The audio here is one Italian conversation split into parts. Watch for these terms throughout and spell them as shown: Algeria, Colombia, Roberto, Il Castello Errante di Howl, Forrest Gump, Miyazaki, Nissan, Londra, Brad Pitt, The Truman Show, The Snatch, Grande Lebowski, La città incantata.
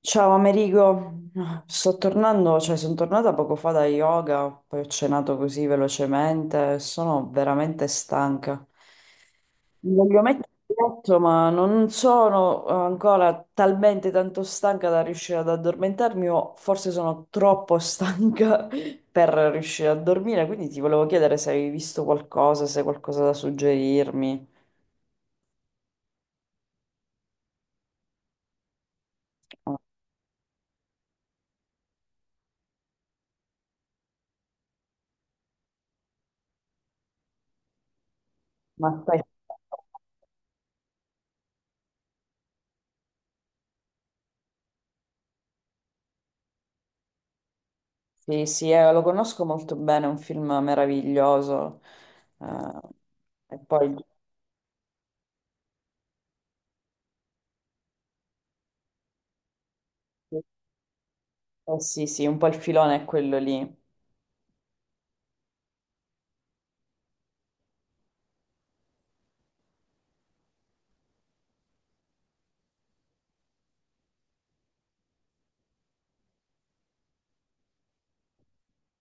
Ciao Amerigo, sto tornando, cioè sono tornata poco fa da yoga, poi ho cenato così velocemente, sono veramente stanca. Mi voglio mettere in letto, ma non sono ancora talmente tanto stanca da riuscire ad addormentarmi o forse sono troppo stanca per riuscire a dormire, quindi ti volevo chiedere se avevi visto qualcosa, se hai qualcosa da suggerirmi. Ma stai. Sì, sì, lo conosco molto bene, è un film meraviglioso. Eh, e poi, sì, sì, un po' il filone è quello lì.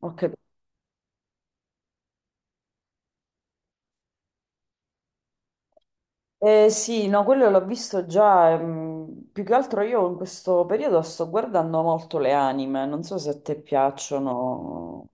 Ho capito. Sì, no, quello l'ho visto già. Più che altro io in questo periodo sto guardando molto le anime, non so se a te piacciono.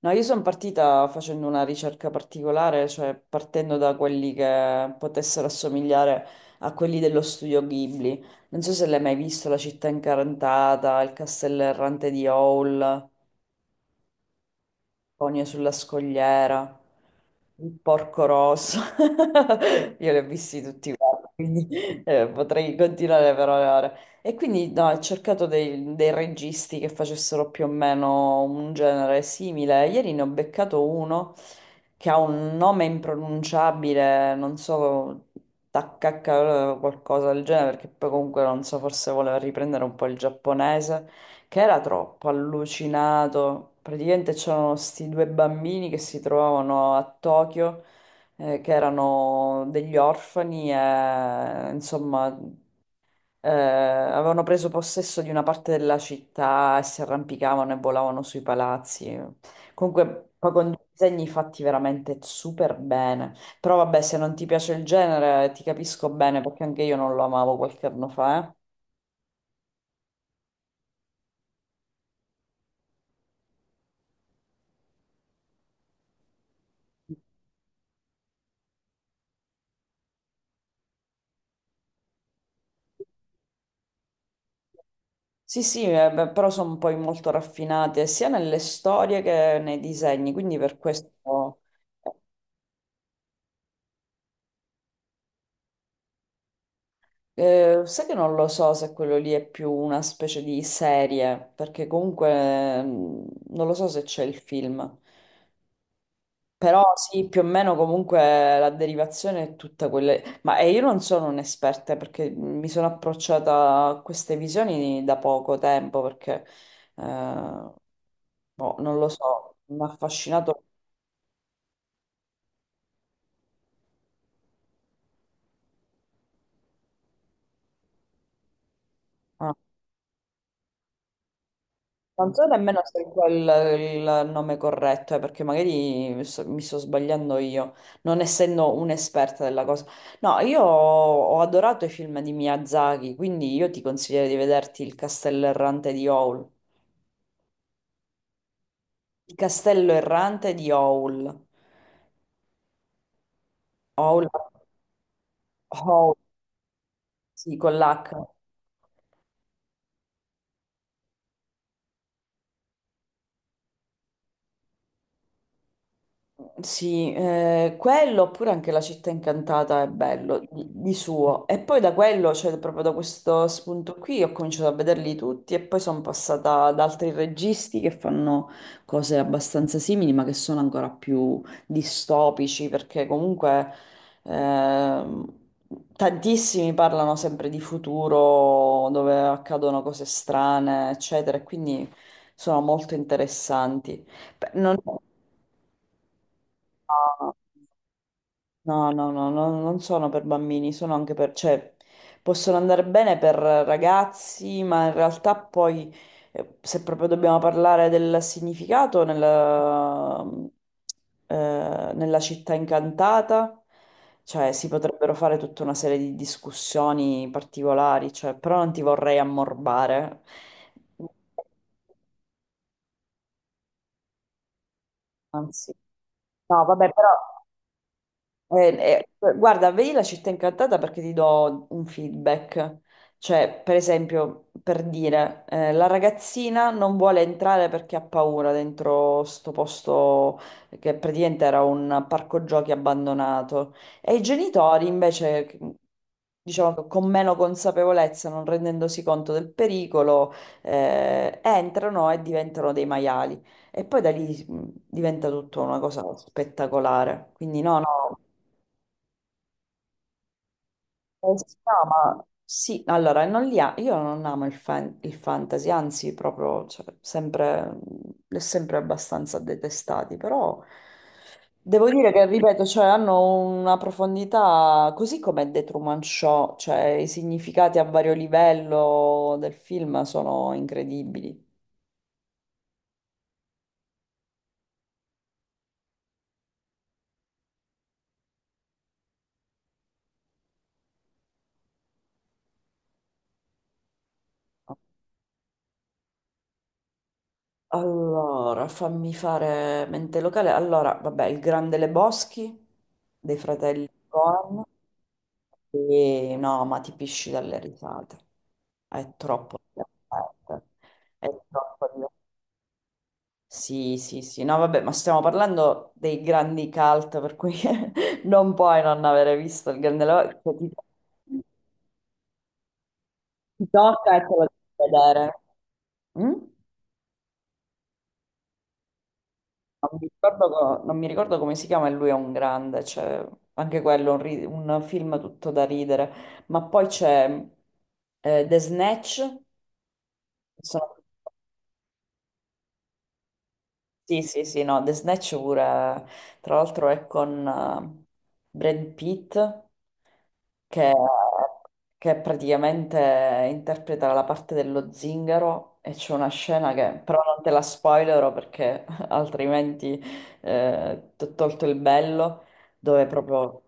No, io sono partita facendo una ricerca particolare, cioè partendo da quelli che potessero assomigliare a quelli dello studio Ghibli. Non so se l'hai mai visto, La città incartata, Il castello errante di Howl. Conio sulla scogliera, il porco rosso. Io li ho visti tutti quanti, quindi potrei continuare per ore. E ore. E quindi no, ho cercato dei registi che facessero più o meno un genere simile. Ieri ne ho beccato uno che ha un nome impronunciabile, non so, Takaka qualcosa del genere, perché poi comunque non so, forse voleva riprendere un po' il giapponese che era troppo allucinato. Praticamente c'erano sti due bambini che si trovavano a Tokyo, che erano degli orfani e insomma avevano preso possesso di una parte della città e si arrampicavano e volavano sui palazzi. Comunque, poi con dei disegni fatti veramente super bene. Però vabbè, se non ti piace il genere, ti capisco bene perché anche io non lo amavo qualche anno fa, eh. Sì, sì, beh, però sono poi molto raffinate sia nelle storie che nei disegni, quindi per questo sai che non lo so se quello lì è più una specie di serie, perché comunque non lo so se c'è il film. Però sì, più o meno comunque la derivazione è tutta quella. Ma io non sono un'esperta perché mi sono approcciata a queste visioni da poco tempo, perché eh, boh, non lo so, mi ha affascinato. Ah. Non so nemmeno se è quel il nome corretto, perché magari mi sto sbagliando io, non essendo un'esperta della cosa. No, io ho adorato i film di Miyazaki, quindi io ti consiglio di vederti Il Castello Errante di Howl. Il Castello Errante di Howl. Howl, Howl, sì, con l'H. Sì, quello oppure anche La città incantata è bello di suo. E poi da quello, cioè proprio da questo spunto qui, ho cominciato a vederli tutti e poi sono passata ad altri registi che fanno cose abbastanza simili, ma che sono ancora più distopici, perché comunque ehm, tantissimi parlano sempre di futuro, dove accadono cose strane, eccetera, e quindi sono molto interessanti. Beh, non. No, no, no, no, non sono per bambini, sono anche per, cioè, possono andare bene per ragazzi, ma in realtà poi, se proprio dobbiamo parlare del significato, nella, nella città incantata, cioè, si potrebbero fare tutta una serie di discussioni particolari, cioè, però non ti vorrei ammorbare. Anzi, no, vabbè, però. Eh, Guarda, vedi la città incantata perché ti do un feedback. Cioè, per esempio, per dire, la ragazzina non vuole entrare perché ha paura dentro sto posto che praticamente era un parco giochi abbandonato. E i genitori invece, diciamo, che con meno consapevolezza, non rendendosi conto del pericolo, entrano e diventano dei maiali. E poi da lì diventa tutto una cosa spettacolare. Quindi no, no. Come si chiama? Sì, allora, non li ha- io non amo il fantasy, anzi, proprio, cioè, sempre, l'ho sempre abbastanza detestati, però devo dire che, ripeto, cioè, hanno una profondità, così come The Truman Show, cioè, i significati a vario livello del film sono incredibili. Allora, fammi fare mente locale. Allora, vabbè, il Grande Lebowski dei fratelli Coen. Sì, no, ma ti pisci dalle risate. È troppo divertente. È troppo divertente. Sì, sì, sì. No, vabbè, ma stiamo parlando dei grandi cult, per cui non puoi non avere visto il Grande Leva. Cioè, ti, tocca e te lo devi vedere. Mm? Non mi ricordo, non mi ricordo come si chiama, e lui è un grande, cioè, anche quello, un film tutto da ridere. Ma poi c'è The Snatch, che sono. Sì, sì, sì, no, The Snatch pure, tra l'altro è con Brad Pitt che, che praticamente interpreta la parte dello zingaro e c'è una scena che però non te la spoilerò perché altrimenti ti ho tolto il bello, dove proprio,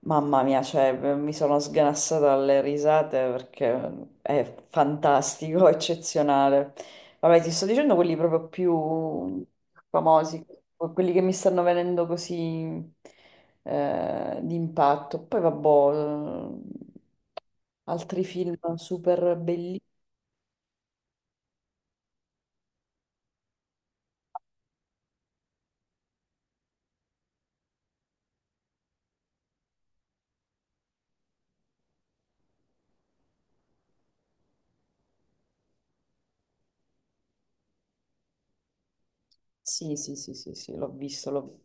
mamma mia, cioè, mi sono sganassata dalle risate perché è fantastico, eccezionale. Vabbè, ti sto dicendo quelli proprio più famosi, quelli che mi stanno venendo così di impatto. Poi vabbè, altri film super bellissimi. Sì, sì, sì, sì, sì, l'ho visto, l'ho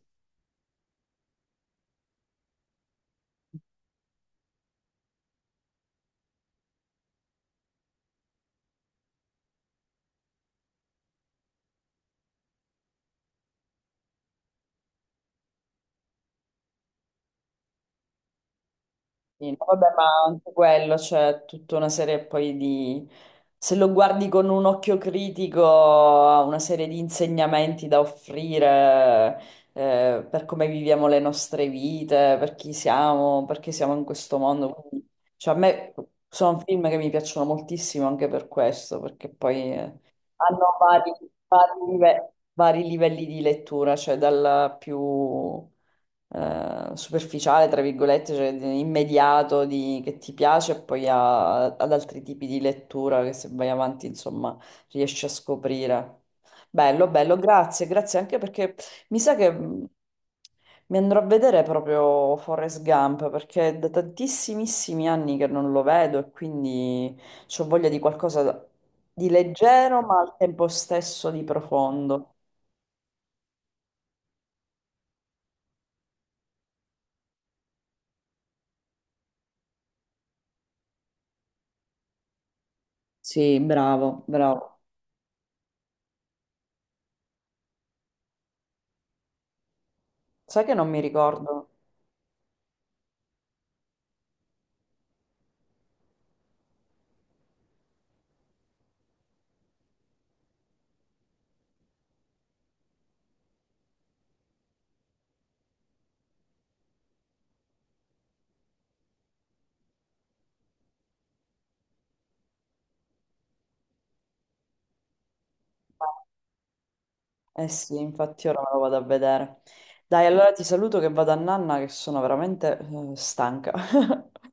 visto. Vabbè, ma anche quello, c'è tutta una serie poi di se lo guardi con un occhio critico, ha una serie di insegnamenti da offrire, per come viviamo le nostre vite, per chi siamo, perché siamo in questo mondo. Quindi, cioè, a me sono film che mi piacciono moltissimo anche per questo, perché poi hanno vari livelli di lettura, cioè dal più superficiale, tra virgolette, cioè immediato che ti piace, e poi ad altri tipi di lettura che se vai avanti, insomma, riesci a scoprire. Bello, bello, grazie, grazie anche perché mi sa che mi andrò a vedere proprio Forrest Gump perché è da tantissimissimi anni che non lo vedo e quindi ho voglia di qualcosa di leggero ma al tempo stesso di profondo. Sì, bravo, bravo. Sai che non mi ricordo? Eh sì, infatti ora me lo vado a vedere. Dai, allora ti saluto che vado a nanna che sono veramente stanca.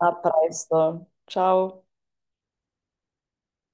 A presto. Ciao.